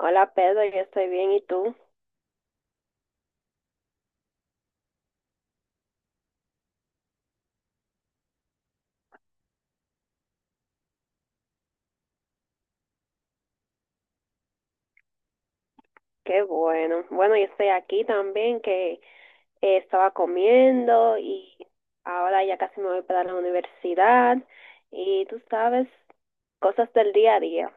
Hola Pedro, yo estoy bien, ¿y tú? Qué bueno. Bueno, yo estoy aquí también, que estaba comiendo y ahora ya casi me voy para la universidad y tú sabes, cosas del día a día.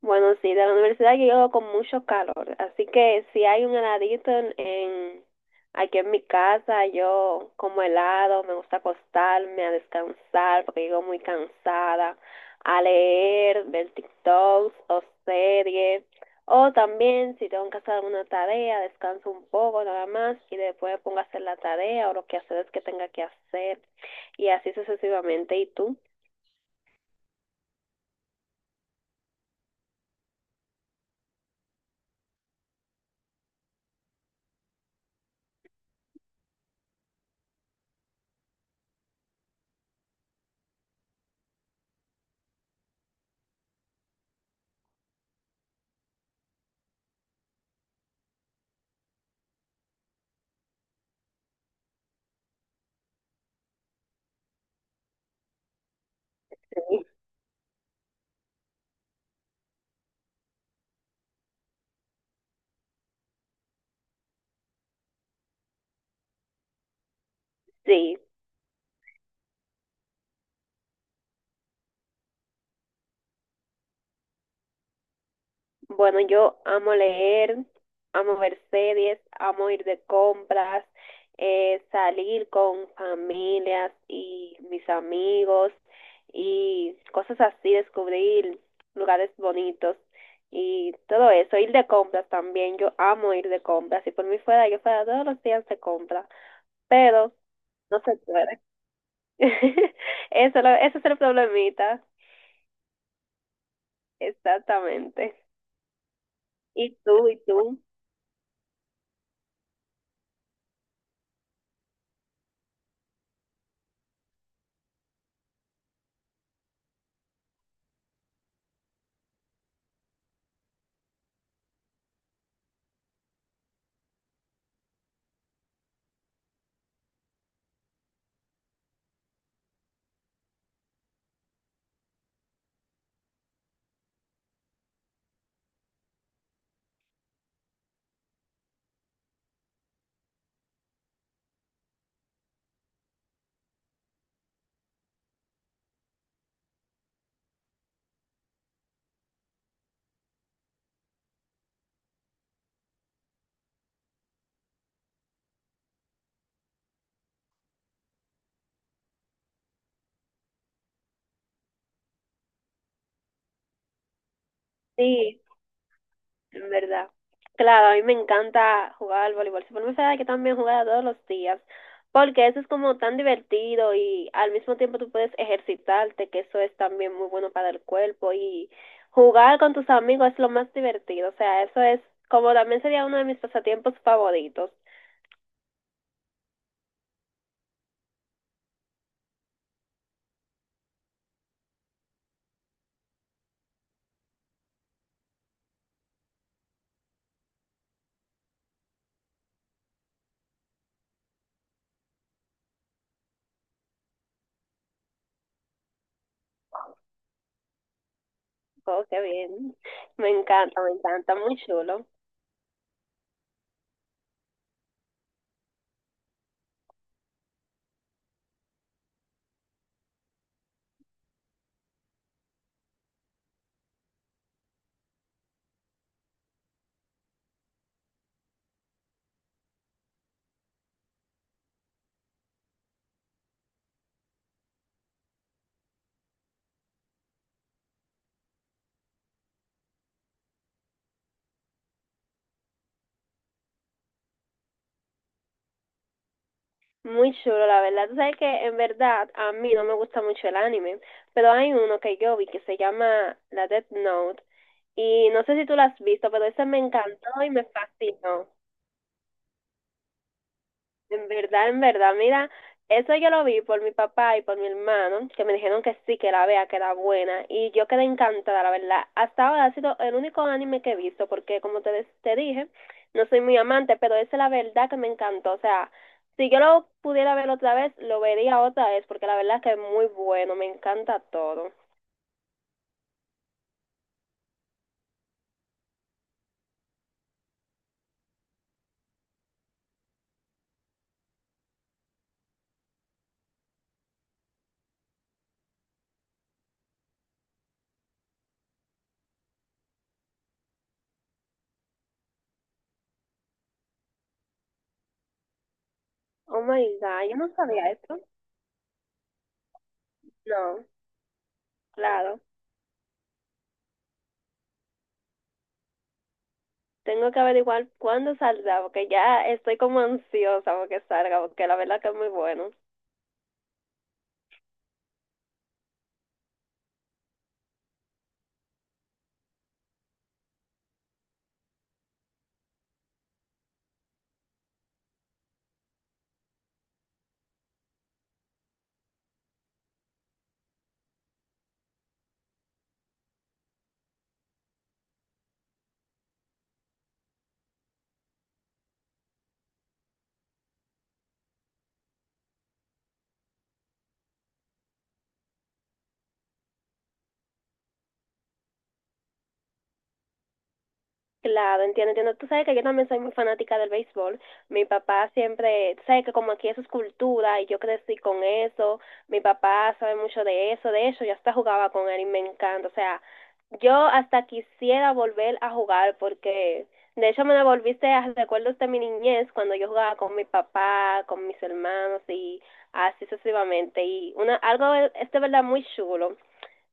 Bueno, sí, de la universidad yo llego con mucho calor, así que si hay un heladito aquí en mi casa, yo como helado, me gusta acostarme a descansar porque llego muy cansada, a leer, ver TikToks o series, o también si tengo que hacer alguna tarea, descanso un poco nada más y después me pongo a hacer la tarea o lo que hacer es que tenga que hacer y así sucesivamente. ¿Y tú? Sí. Sí, bueno, yo amo leer, amo ver series, amo ir de compras, salir con familias y mis amigos y cosas así, descubrir lugares bonitos y todo eso, ir de compras también, yo amo ir de compras, si por mí fuera, yo fuera todos los días de compras, pero no se puede. Eso, ese es el problemita, exactamente. ¿Y tú? ¿Y tú? Sí, en verdad. Claro, a mí me encanta jugar al voleibol. Si fuera saber que también jugara todos los días, porque eso es como tan divertido y al mismo tiempo tú puedes ejercitarte, que eso es también muy bueno para el cuerpo y jugar con tus amigos es lo más divertido. O sea, eso es como también sería uno de mis pasatiempos favoritos. Oh, qué bien. Me encanta, muy chulo. Muy chulo, la verdad. Tú sabes que en verdad a mí no me gusta mucho el anime, pero hay uno que yo vi que se llama La Death Note. Y no sé si tú lo has visto, pero ese me encantó y me fascinó. En verdad, mira, eso yo lo vi por mi papá y por mi hermano, que me dijeron que sí, que la vea, que era buena. Y yo quedé encantada, la verdad. Hasta ahora ha sido el único anime que he visto, porque como te, te dije, no soy muy amante, pero ese la verdad que me encantó. O sea, si yo lo pudiera ver otra vez, lo vería otra vez, porque la verdad que es muy bueno, me encanta todo. Oh my God, yo no sabía esto. No, claro. Tengo que averiguar cuándo saldrá, porque ya estoy como ansiosa porque salga, porque la verdad que es muy bueno. Claro, entiendo, entiendo. Tú sabes que yo también soy muy fanática del béisbol. Mi papá siempre, tú sabes que como aquí eso es cultura y yo crecí con eso, mi papá sabe mucho de eso, de hecho yo hasta jugaba con él y me encanta. O sea, yo hasta quisiera volver a jugar porque de hecho me devolviste a recuerdos de mi niñez cuando yo jugaba con mi papá, con mis hermanos y así sucesivamente. Y una, algo es de verdad muy chulo.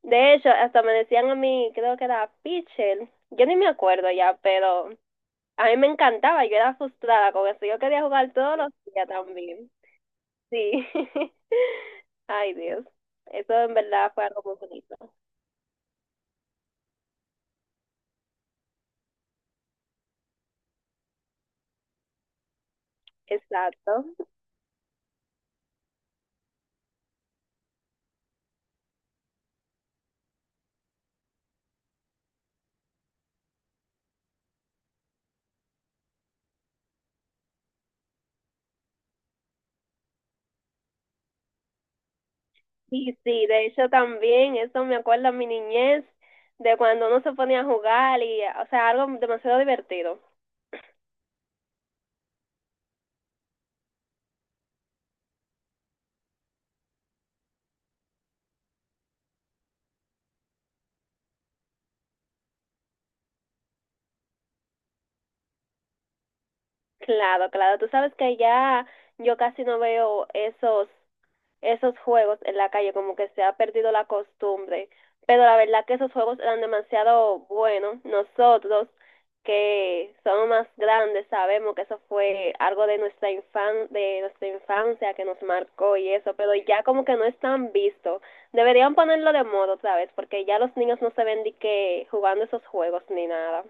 De hecho, hasta me decían a mí, creo que era pitcher, yo ni me acuerdo ya, pero a mí me encantaba, yo era frustrada con eso, yo quería jugar todos los días también. Sí. Ay, Dios. Eso en verdad fue algo muy bonito. Exacto. Y sí, de hecho también, eso me acuerda a mi niñez, de cuando uno se ponía a jugar y, o sea, algo demasiado divertido. Claro, claro. Tú sabes que ya yo casi no veo esos juegos en la calle, como que se ha perdido la costumbre. Pero la verdad que esos juegos eran demasiado buenos. Nosotros, que somos más grandes, sabemos que eso fue algo de nuestra infan de nuestra infancia que nos marcó y eso, pero ya como que no están visto. Deberían ponerlo de moda otra vez, porque ya los niños no se ven ni que jugando esos juegos ni nada.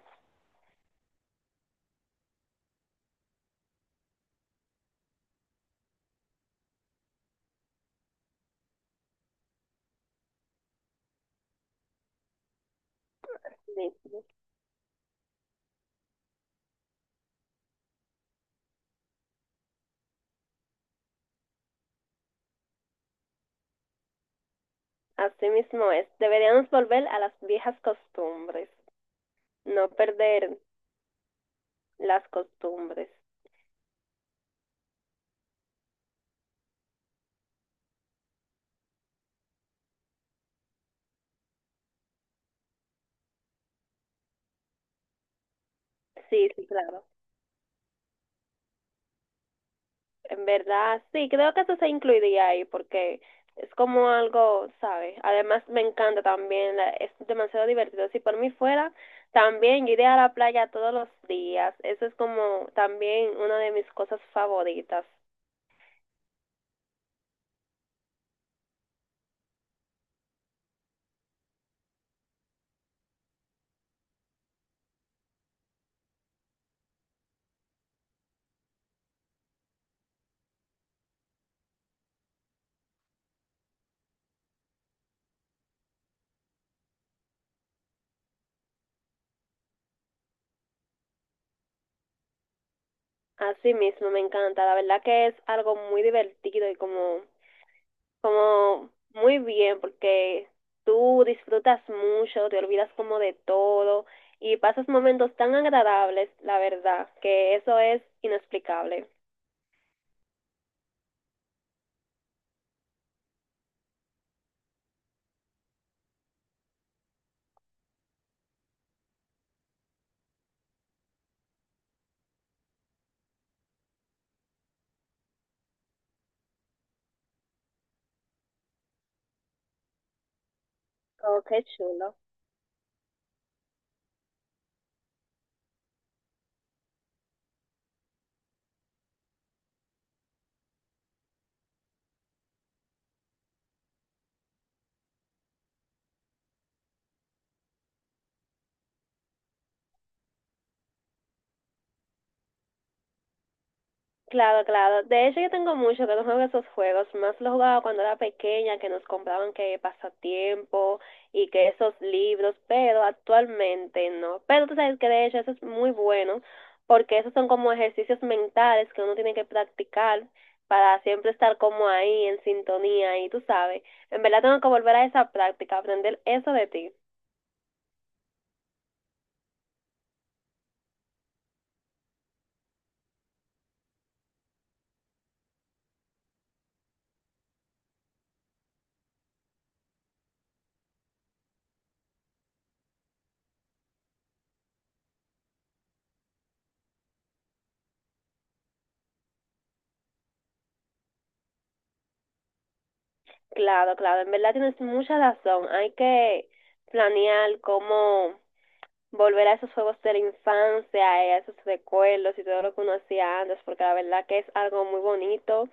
Sí, así mismo es. Deberíamos volver a las viejas costumbres, no perder las costumbres. Sí, sí, claro. En verdad, sí, creo que eso se incluiría ahí porque es como algo, ¿sabes? Además, me encanta también, es demasiado divertido. Si por mí fuera, también yo iría a la playa todos los días. Eso es como también una de mis cosas favoritas. Así mismo, me encanta. La verdad que es algo muy divertido y como como muy bien porque tú disfrutas mucho, te olvidas como de todo y pasas momentos tan agradables, la verdad, que eso es inexplicable. Oh, qué chulo. Claro, claro. De hecho, yo tengo mucho que no juego esos juegos. Más los jugaba cuando era pequeña, que nos compraban que pasatiempo y que esos libros, pero actualmente no. Pero tú sabes que de hecho eso es muy bueno, porque esos son como ejercicios mentales que uno tiene que practicar para siempre estar como ahí en sintonía. Y tú sabes, en verdad tengo que volver a esa práctica, aprender eso de ti. Claro, claro. En verdad tienes mucha razón. Hay que planear cómo volver a esos juegos de la infancia, a esos recuerdos y todo lo que uno hacía antes, porque la verdad que es algo muy bonito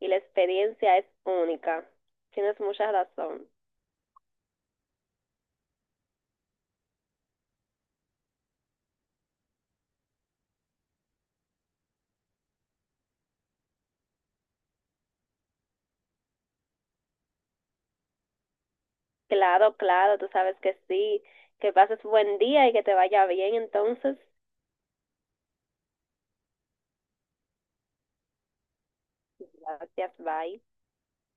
y la experiencia es única. Tienes mucha razón. Claro, claro, tú sabes que sí, que pases buen día y que te vaya bien entonces. Gracias, bye.